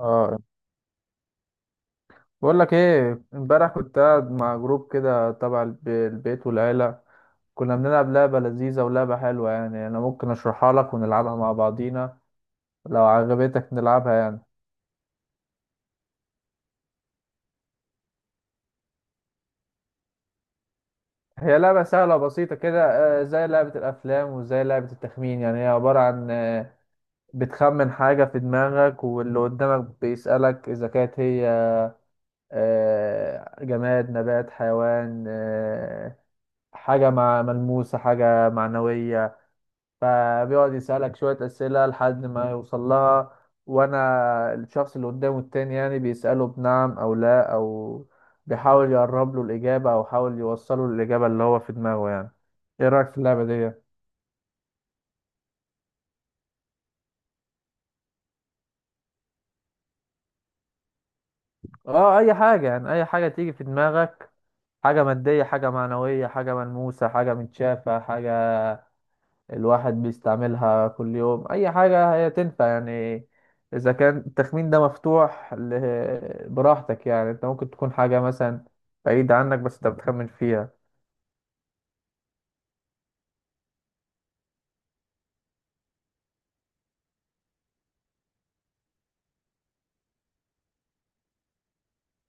اه، بقول لك ايه، امبارح كنت قاعد مع جروب كده تبع البيت والعيلة. كنا بنلعب لعبة لذيذة ولعبة حلوة، يعني انا ممكن اشرحها لك ونلعبها مع بعضينا لو عجبتك نلعبها يعني. هي لعبة سهلة وبسيطة كده. زي لعبة الافلام وزي لعبة التخمين. يعني هي عبارة عن بتخمن حاجة في دماغك، واللي قدامك بيسألك اذا كانت هي جماد، نبات، حيوان، حاجة مع ملموسة، حاجة معنوية. فبيقعد يسألك شوية أسئلة لحد ما يوصل لها. وأنا الشخص اللي قدامه التاني يعني بيسأله بنعم أو لا، أو بيحاول يقرب له الإجابة أو يحاول يوصله للإجابة اللي هو في دماغه يعني. إيه رأيك في اللعبة دي؟ آه أي حاجة يعني، أي حاجة تيجي في دماغك. حاجة مادية، حاجة معنوية، حاجة ملموسة، حاجة متشافة، حاجة الواحد بيستعملها كل يوم. اي حاجة هي تنفع يعني. اذا كان التخمين ده مفتوح براحتك يعني. انت ممكن تكون حاجة مثلا بعيدة عنك بس انت بتخمن فيها.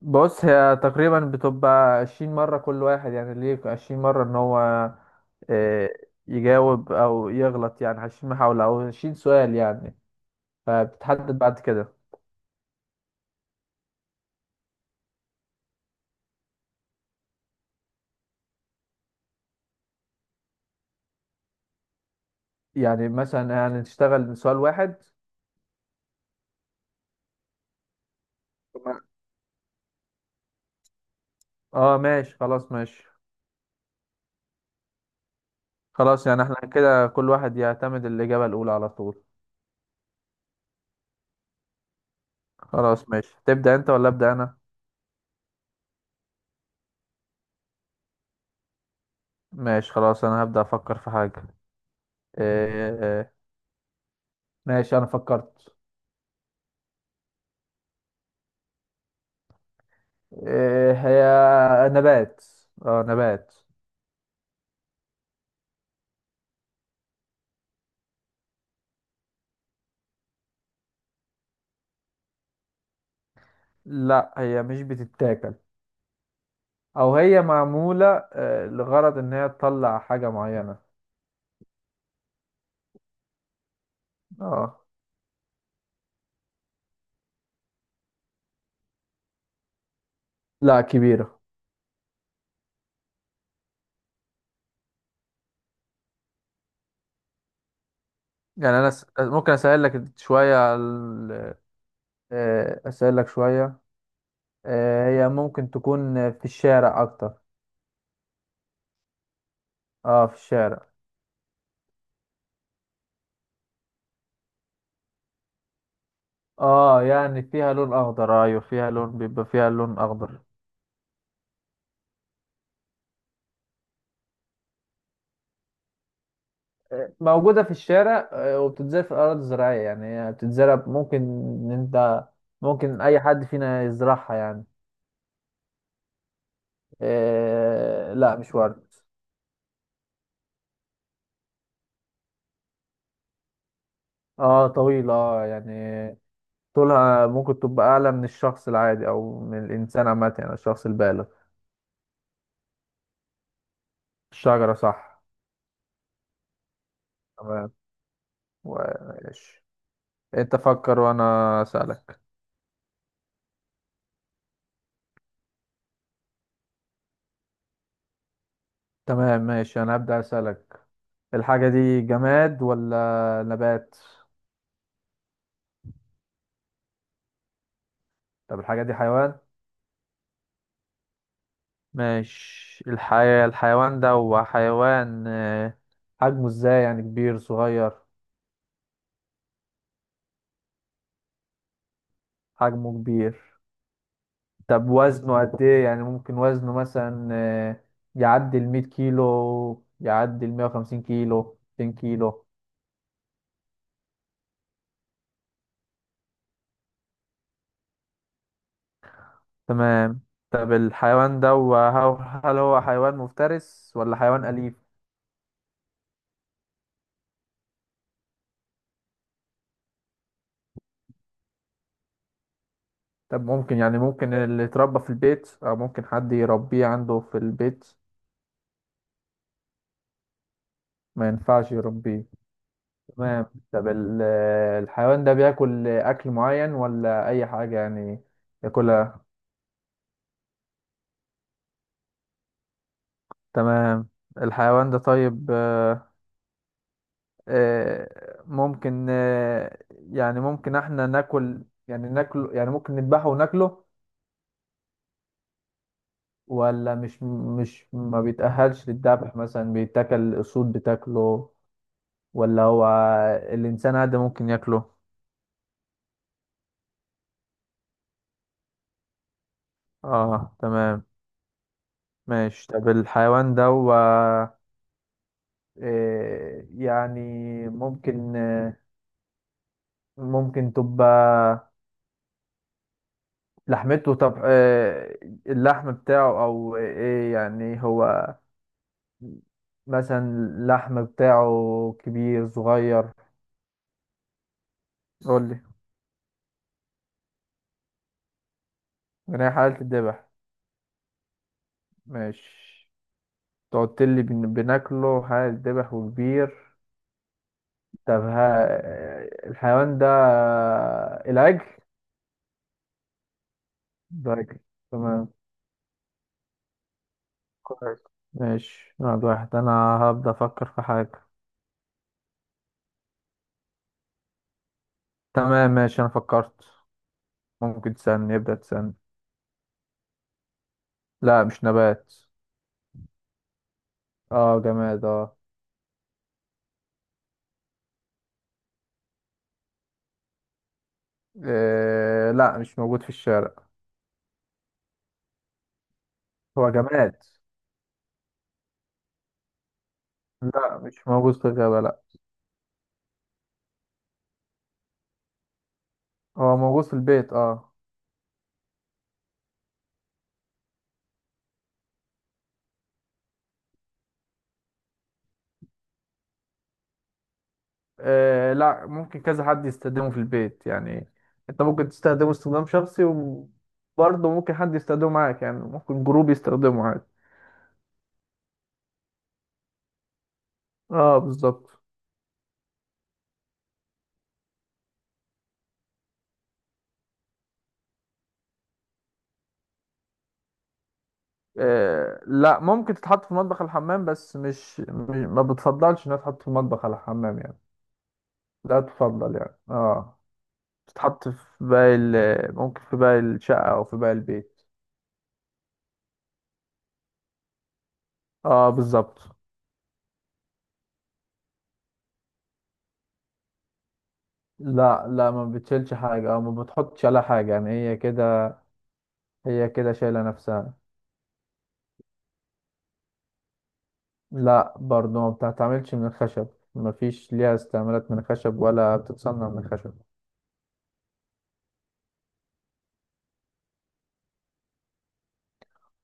بص، هي تقريبا بتبقى 20 مرة كل واحد. يعني ليه 20 مرة؟ ان هو آه، يجاوب او يغلط. يعني 20 محاولة او 20 سؤال يعني. فبتحدد بعد كده. يعني مثلا يعني نشتغل سؤال واحد. تمام. اه ماشي، خلاص ماشي. خلاص، يعني احنا كده كل واحد يعتمد الإجابة الأولى على طول. خلاص ماشي. تبدأ أنت ولا أبدأ أنا؟ ماشي خلاص، أنا هبدأ أفكر في حاجة. إيه. ماشي أنا فكرت. إيه هي؟ نبات. اه نبات. لا هي مش بتتاكل. أو هي معمولة لغرض إن هي تطلع حاجة معينة. اه. لا كبيرة. يعني أنا ممكن أسهل لك شوية على أسهل لك شوية. هي ممكن تكون في الشارع أكتر. اه في الشارع. اه يعني فيها لون اخضر، ايوه فيها لون، بيبقى فيها لون اخضر. موجودة في الشارع، وبتتزرع في الأراضي الزراعية. يعني هي بتتزرع، ممكن إن أنت ممكن أي حد فينا يزرعها يعني. آه لا مش ورد. اه طويلة. اه يعني طولها ممكن تبقى أعلى من الشخص العادي أو من الإنسان عامة، يعني الشخص البالغ. الشجرة؟ صح. تمام. و- ماشي. أنت فكر وأنا أسألك. تمام ماشي، أنا هبدأ أسألك. الحاجة دي جماد ولا نبات؟ طب الحاجة دي حيوان؟ ماشي. الحيوان ده هو حيوان. حجمه ازاي؟ يعني كبير صغير؟ حجمه كبير. طب وزنه قد ايه؟ يعني ممكن وزنه مثلا يعدي 100 كيلو، يعدي 150 كيلو، 200 كيلو؟ تمام. طب الحيوان ده هو، هل هو حيوان مفترس ولا حيوان أليف؟ طب ممكن يعني ممكن اللي يتربى في البيت، أو ممكن حد يربيه عنده في البيت؟ ما ينفعش يربيه. تمام. طب الحيوان ده بياكل أكل معين ولا أي حاجة يعني ياكلها؟ تمام. الحيوان ده طيب، ممكن يعني ممكن احنا ناكل، يعني ناكله، يعني ممكن نذبحه وناكله؟ ولا مش ما بيتأهلش للذبح، مثلا بيتاكل الأسود بتاكله، ولا هو الإنسان عادي ممكن ياكله؟ اه تمام. ماشي. طب الحيوان ده إيه يعني؟ ممكن ممكن تبقى لحمته، طب اللحم بتاعه او ايه يعني؟ هو مثلا اللحم بتاعه كبير صغير؟ قول لي. انا حالة الذبح. ماشي. تقعد لي بناكله، حالة الذبح وكبير. طب ها، الحيوان ده العجل؟ ده عجل. تمام. كويس. ماشي، واحد واحد. انا هبدأ افكر في حاجة. تمام ماشي، انا فكرت. ممكن تسألني، يبدأ تسألني. لا مش نبات. اه جماد اه. إيه لا مش موجود في الشارع. هو جماد. لا مش موجود في الغابة لا. هو موجود في البيت اه. إيه لا، ممكن كذا حد يستخدمه في البيت يعني. انت ممكن تستخدمه استخدام شخصي، وبرضه ممكن حد يستخدمه معاك، يعني ممكن جروب يستخدمه عادي. اه بالظبط. إيه لا، ممكن تتحط في المطبخ الحمام، بس مش ما بتفضلش انها تتحط في المطبخ على الحمام يعني. لا تفضل يعني اه. تتحط في باقي ممكن في باقي الشقة او في باقي البيت. اه بالظبط. لا لا، ما بتشيلش حاجة او ما بتحطش على حاجة، يعني هي كده، هي كده شايلة نفسها. لا برضه ما بتتعملش من الخشب، ما فيش ليها استعمالات من الخشب ولا بتتصنع من الخشب.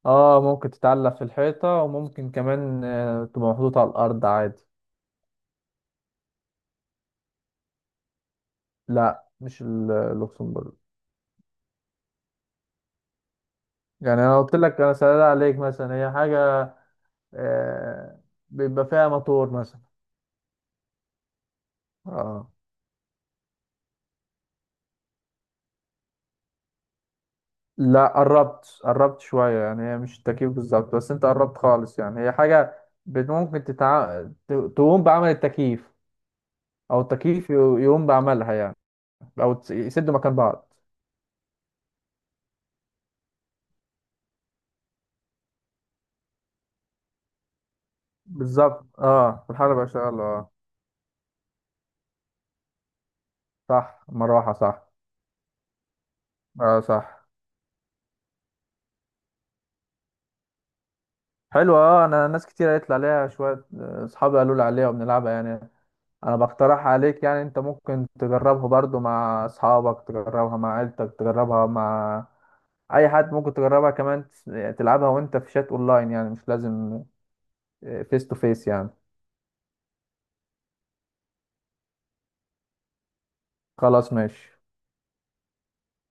اه ممكن تتعلق في الحيطة، وممكن كمان تبقى محطوطة على الأرض عادي. لا مش اللوكسمبورج. يعني انا قلت لك، انا سألت عليك مثلا هي حاجة آه، بيبقى فيها موتور مثلا. اه لا، قربت قربت شوية. يعني هي مش التكييف بالظبط، بس انت قربت خالص. يعني هي حاجة ممكن تقوم بعمل التكييف، او التكييف يقوم بعملها يعني، او يسدوا مكان بعض. بالظبط اه. الحرب بقى شغالة اه. صح مروحة صح. اه صح. حلوة اه. انا ناس كتير قالت لي عليها شوية، اصحابي قالوا لي عليها وبنلعبها يعني. انا بقترح عليك يعني، انت ممكن تجربها برضو مع اصحابك، تجربها مع عيلتك، تجربها مع اي حد. ممكن تجربها كمان تلعبها وانت في شات اونلاين، يعني مش لازم فيس تو فيس يعني. خلاص ماشي.